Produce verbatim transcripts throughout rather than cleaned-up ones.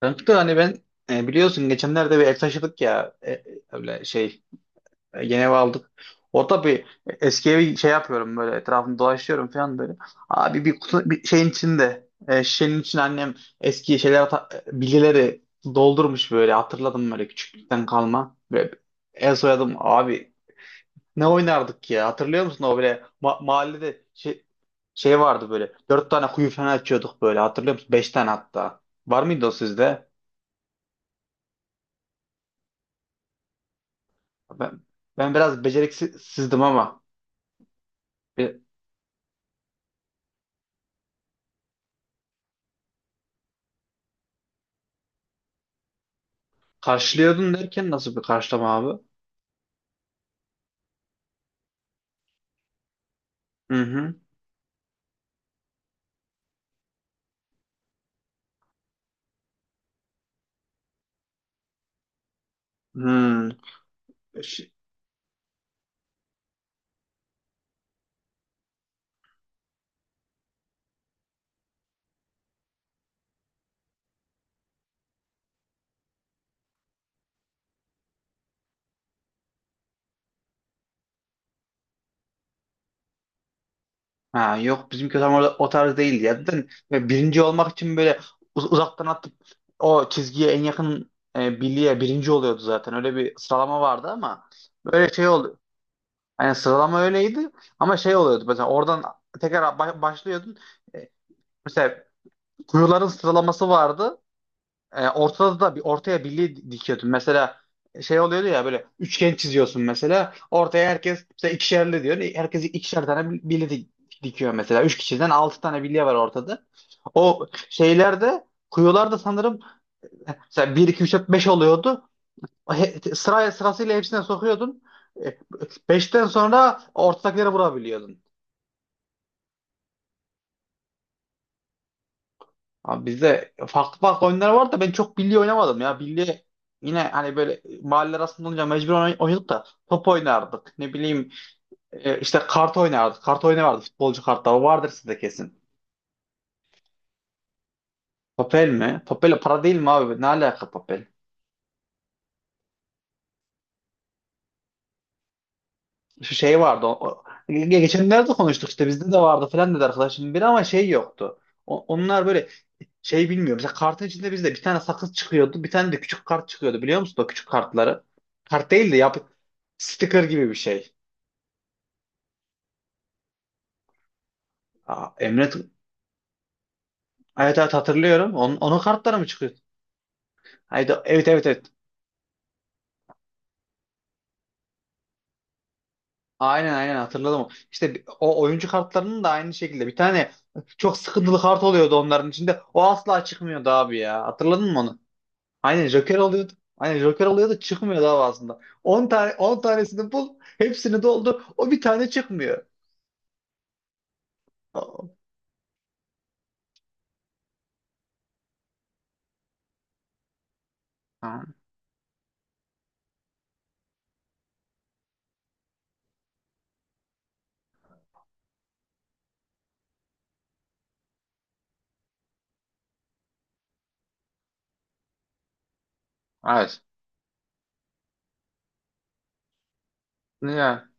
Kanka hani ben e, biliyorsun geçenlerde bir ev taşıdık ya e, e, öyle şey e, yeni ev aldık. Orada bir eski evi şey yapıyorum böyle etrafını dolaşıyorum falan böyle. Abi bir, kutu, bir şeyin içinde e, şişenin içine annem eski şeyler ta- e, bilgileri doldurmuş böyle hatırladım böyle küçüklükten kalma. Böyle el soyadım abi ne oynardık ya hatırlıyor musun o böyle ma- mahallede şey, şey vardı böyle dört tane kuyu falan açıyorduk böyle hatırlıyor musun? Beş tane hatta var mıydı o sizde? Ben, ben biraz beceriksizdim ama bir karşılıyordun derken nasıl bir karşılama abi? Hı hı. Hmm. Ş- Ha, yok bizimki tam orada o tarz değildi ya. Zaten böyle birinci olmak için böyle uz- uzaktan atıp o çizgiye en yakın e, birliğe birinci oluyordu zaten. Öyle bir sıralama vardı ama böyle şey oldu. Yani sıralama öyleydi ama şey oluyordu. Mesela oradan tekrar ba- başlıyordun. E, Mesela kuyuların sıralaması vardı. E, ortada da bir, ortaya birliği dikiyordun. Mesela şey oluyordu ya, böyle üçgen çiziyorsun mesela. Ortaya herkes mesela ikişerli diyor. Herkes ikişer tane bir- birliği di- dikiyor mesela. Üç kişiden altı tane birliği var ortada. O şeylerde, kuyularda sanırım mesela bir iki üç dört beş oluyordu. O He- Sıraya, sırasıyla hepsine sokuyordun. E, Beşten sonra ortadakileri vurabiliyordun. Abi bizde farklı farklı oyunlar var da ben çok bilye oynamadım ya. Bilye yine hani böyle mahalle arasında olunca mecbur oyn- oynadık da top oynardık. Ne bileyim, e, işte kart oynardık. Kart oyunu vardı, futbolcu kartları. O vardır sizde kesin. Papel mi? Papel para değil mi abi? Ne alaka papel? Şu şey vardı. O, o- Ge- geçenlerde konuştuk, işte bizde de vardı falan dedi arkadaşım biri, ama şey yoktu. O- onlar böyle şey, bilmiyorum. Mesela kartın içinde bizde bir tane sakız çıkıyordu. Bir tane de küçük kart çıkıyordu, biliyor musun? O küçük kartları. Kart değil de yap sticker gibi bir şey. Aa, Emre evet, evet, hatırlıyorum. Onun, onun kartları mı çıkıyor? Haydi, evet, evet, evet. Aynen, aynen hatırladım. İşte bi- o oyuncu kartlarının da aynı şekilde bir tane çok sıkıntılı kart oluyordu onların içinde. O asla çıkmıyordu abi ya. Hatırladın mı onu? Aynen, Joker oluyordu. Aynen, Joker oluyordu, çıkmıyordu abi aslında. On tane, on tanesini bul, hepsini doldur. O bir tane çıkmıyor. Hayır. Ya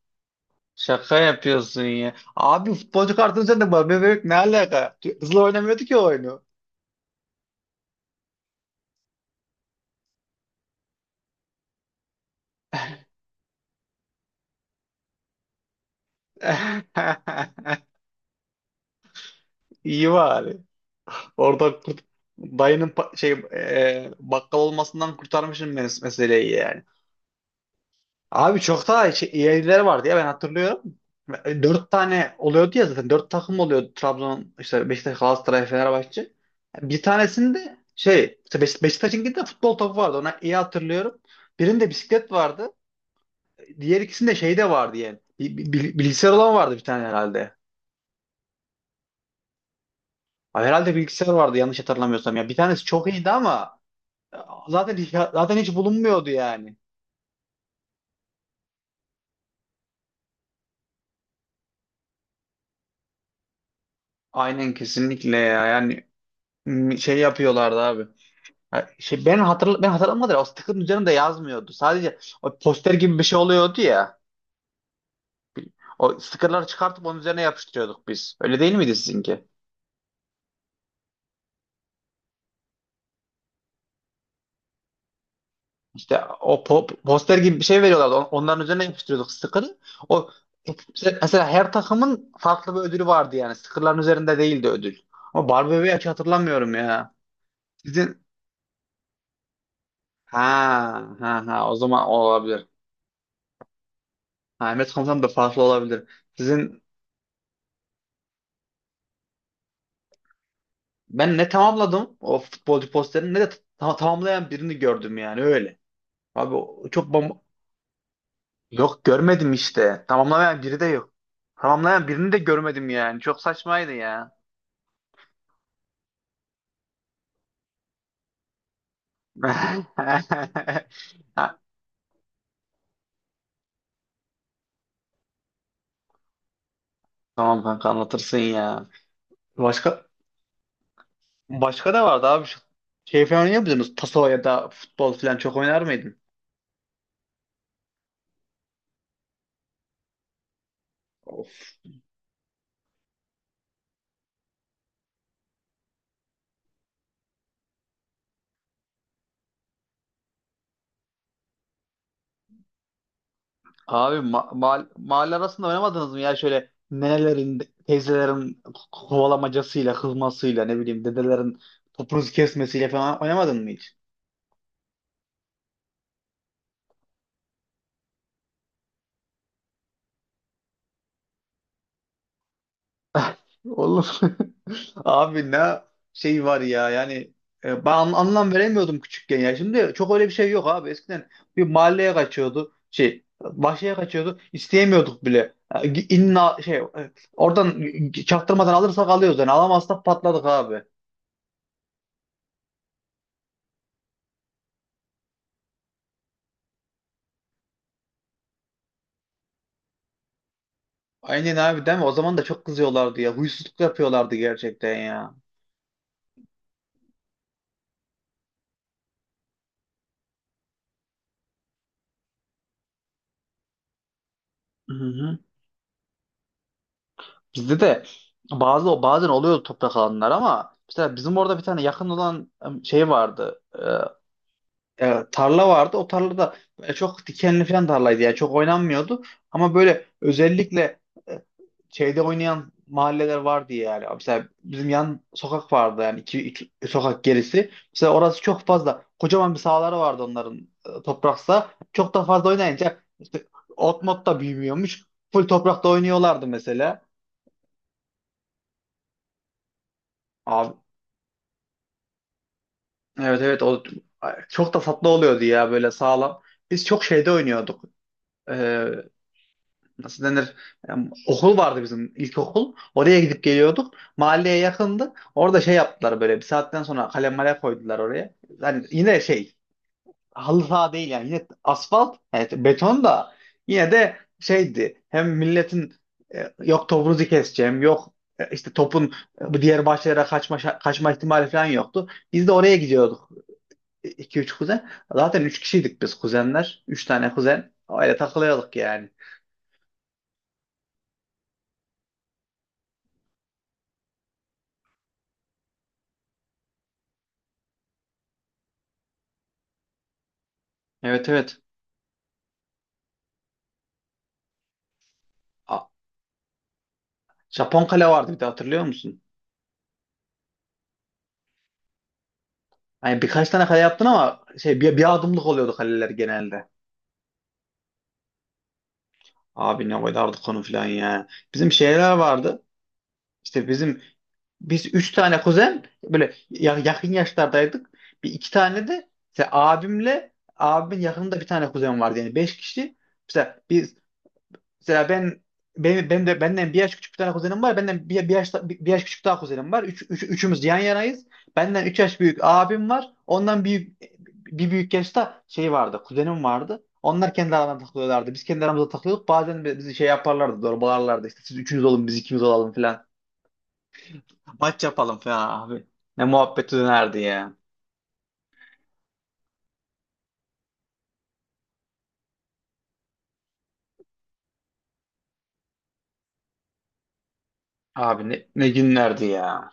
şaka yapıyorsun ya. Abi futbolcu kartını sen de var. Bebek ne alaka? Hızlı oynamıyordu ki o oyunu. İyi bari. Orada kurt- dayının pa- şey e, bakkal olmasından kurtarmışım mes meseleyi yani. Abi çok daha şey, iyileri vardı ya, ben hatırlıyorum. E, Dört tane oluyordu ya zaten. Dört takım oluyordu. Trabzon, işte Beşiktaş, Galatasaray, Fenerbahçe. Bir tanesinde şey, işte Beş- Beşiktaş'ınkinde de futbol topu vardı. Ona iyi hatırlıyorum. Birinde bisiklet vardı. Diğer ikisinde şey de vardı yani. Bi- bi- Bilgisayar olan vardı bir tane herhalde. Ay, herhalde bilgisayar vardı yanlış hatırlamıyorsam ya. Bir tanesi çok iyiydi ama e, zaten hiç- zaten hiç bulunmuyordu yani. Aynen, kesinlikle ya. Yani m, şey yapıyorlardı abi. Ha, şey, ben hatırla ben hatırlamadım. Da o sticker'ın üzerinde yazmıyordu. Sadece o poster gibi bir şey oluyordu ya. O sticker'ları çıkartıp onun üzerine yapıştırıyorduk biz. Öyle değil miydi sizinki? İşte o po- poster gibi bir şey veriyorlardı. On- Onların üzerine yapıştırıyorduk sticker'ı. O mesela mesela her takımın farklı bir ödülü vardı yani. Sticker'ların üzerinde değildi ödül. Ama Barbie bebeği hiç hatırlamıyorum ya. Sizin ha ha Ha, o zaman o olabilir. Ha, Ahmet Komutan da farklı olabilir. Sizin Ben ne tamamladım o futbolcu posterini ne de ta- tamamlayan birini gördüm yani öyle. Abi o- çok bam- yok, görmedim işte. Tamamlayan biri de yok. Tamamlayan birini de görmedim yani. Çok saçmaydı ya. Ha, tamam kanka, anlatırsın ya. Başka, başka da vardı abi. Şu- Şey falan oynuyor muydunuz? Taso ya da futbol falan çok oynar mıydın? Of. Abi ma- ma- mahalle arasında oynamadınız mı ya, şöyle nenelerin, teyzelerin ko- kovalamacasıyla, kızmasıyla, ne bileyim, dedelerin topunuzu kesmesiyle falan oynamadın mı hiç? Olur. Abi ne şey var ya, yani e, ben an- anlam veremiyordum küçükken ya. Şimdi çok öyle bir şey yok abi. Eskiden bir mahalleye kaçıyordu. Şey, bahçeye kaçıyordu. İsteyemiyorduk bile. E, gi- İnna şey, e, oradan e, çaktırmadan alırsak alıyoruz yani. Alamazsak patladık abi. Aynen abi, değil mi? O zaman da çok kızıyorlardı ya. Huysuzluk yapıyorlardı gerçekten ya. Hı hı. Bizde de bazı bazen oluyordu toprak alanlar, ama mesela bizim orada bir tane yakın olan e, şey vardı. E, e, tarla vardı. O tarlada e, çok dikenli falan tarlaydı yani, çok oynanmıyordu. Ama böyle özellikle e, şeyde oynayan mahalleler vardı yani. Mesela bizim yan sokak vardı yani, iki, iki sokak gerisi. Mesela orası çok fazla kocaman bir sahaları vardı onların, e, toprak saha. Çok da fazla oynayınca işte ot mot da büyümüyormuş. Full toprakta oynuyorlardı mesela. Abi evet, evet, o ay, çok da tatlı oluyordu ya, böyle sağlam. Biz çok şeyde oynuyorduk. E, Nasıl denir, em, okul vardı bizim, ilkokul. Oraya gidip geliyorduk. Mahalleye yakındı. Orada şey yaptılar, böyle bir saatten sonra kalem male koydular oraya. Yani yine şey, halı saha değil yani, yine asfalt, evet, beton da, yine de şeydi, hem milletin e, yok topunuzu keseceğim, yok e, işte topun e, bu diğer bahçelere kaçma şa- kaçma ihtimali falan yoktu. Biz de oraya gidiyorduk, iki üç kuzen. Zaten üç kişiydik biz kuzenler. Üç tane kuzen. Öyle takılıyorduk yani. Evet, evet. Japon kale vardı bir de, hatırlıyor musun? Hani birkaç tane kale yaptın ama şey, bir, bir adımlık oluyordu kaleler genelde. Abi ne koyardık onu falan ya. Bizim şeyler vardı. İşte bizim, biz üç tane kuzen böyle ya- yakın yaşlardaydık. Bir iki tane de işte abimle abimin yakınında bir tane kuzen vardı, yani beş kişi. İşte biz mesela ben, benim, ben de benden bir yaş küçük bir tane kuzenim var. Benden bir, bir yaş bir, bir yaş küçük daha kuzenim var. Üç, üç- üçümüz yan yanayız. Benden üç yaş büyük abim var. Ondan büyük bir büyük yaşta şey vardı. Kuzenim vardı. Onlar kendi aralarında takılıyorlardı. Biz kendi aramızda takılıyorduk. Bazen bi- bizi şey yaparlardı. Zorbalarlardı. İşte siz üçünüz olun, biz ikimiz olalım falan. Maç yapalım falan abi. Ne muhabbeti dönerdi ya. Abi ne, ne günlerdi ya.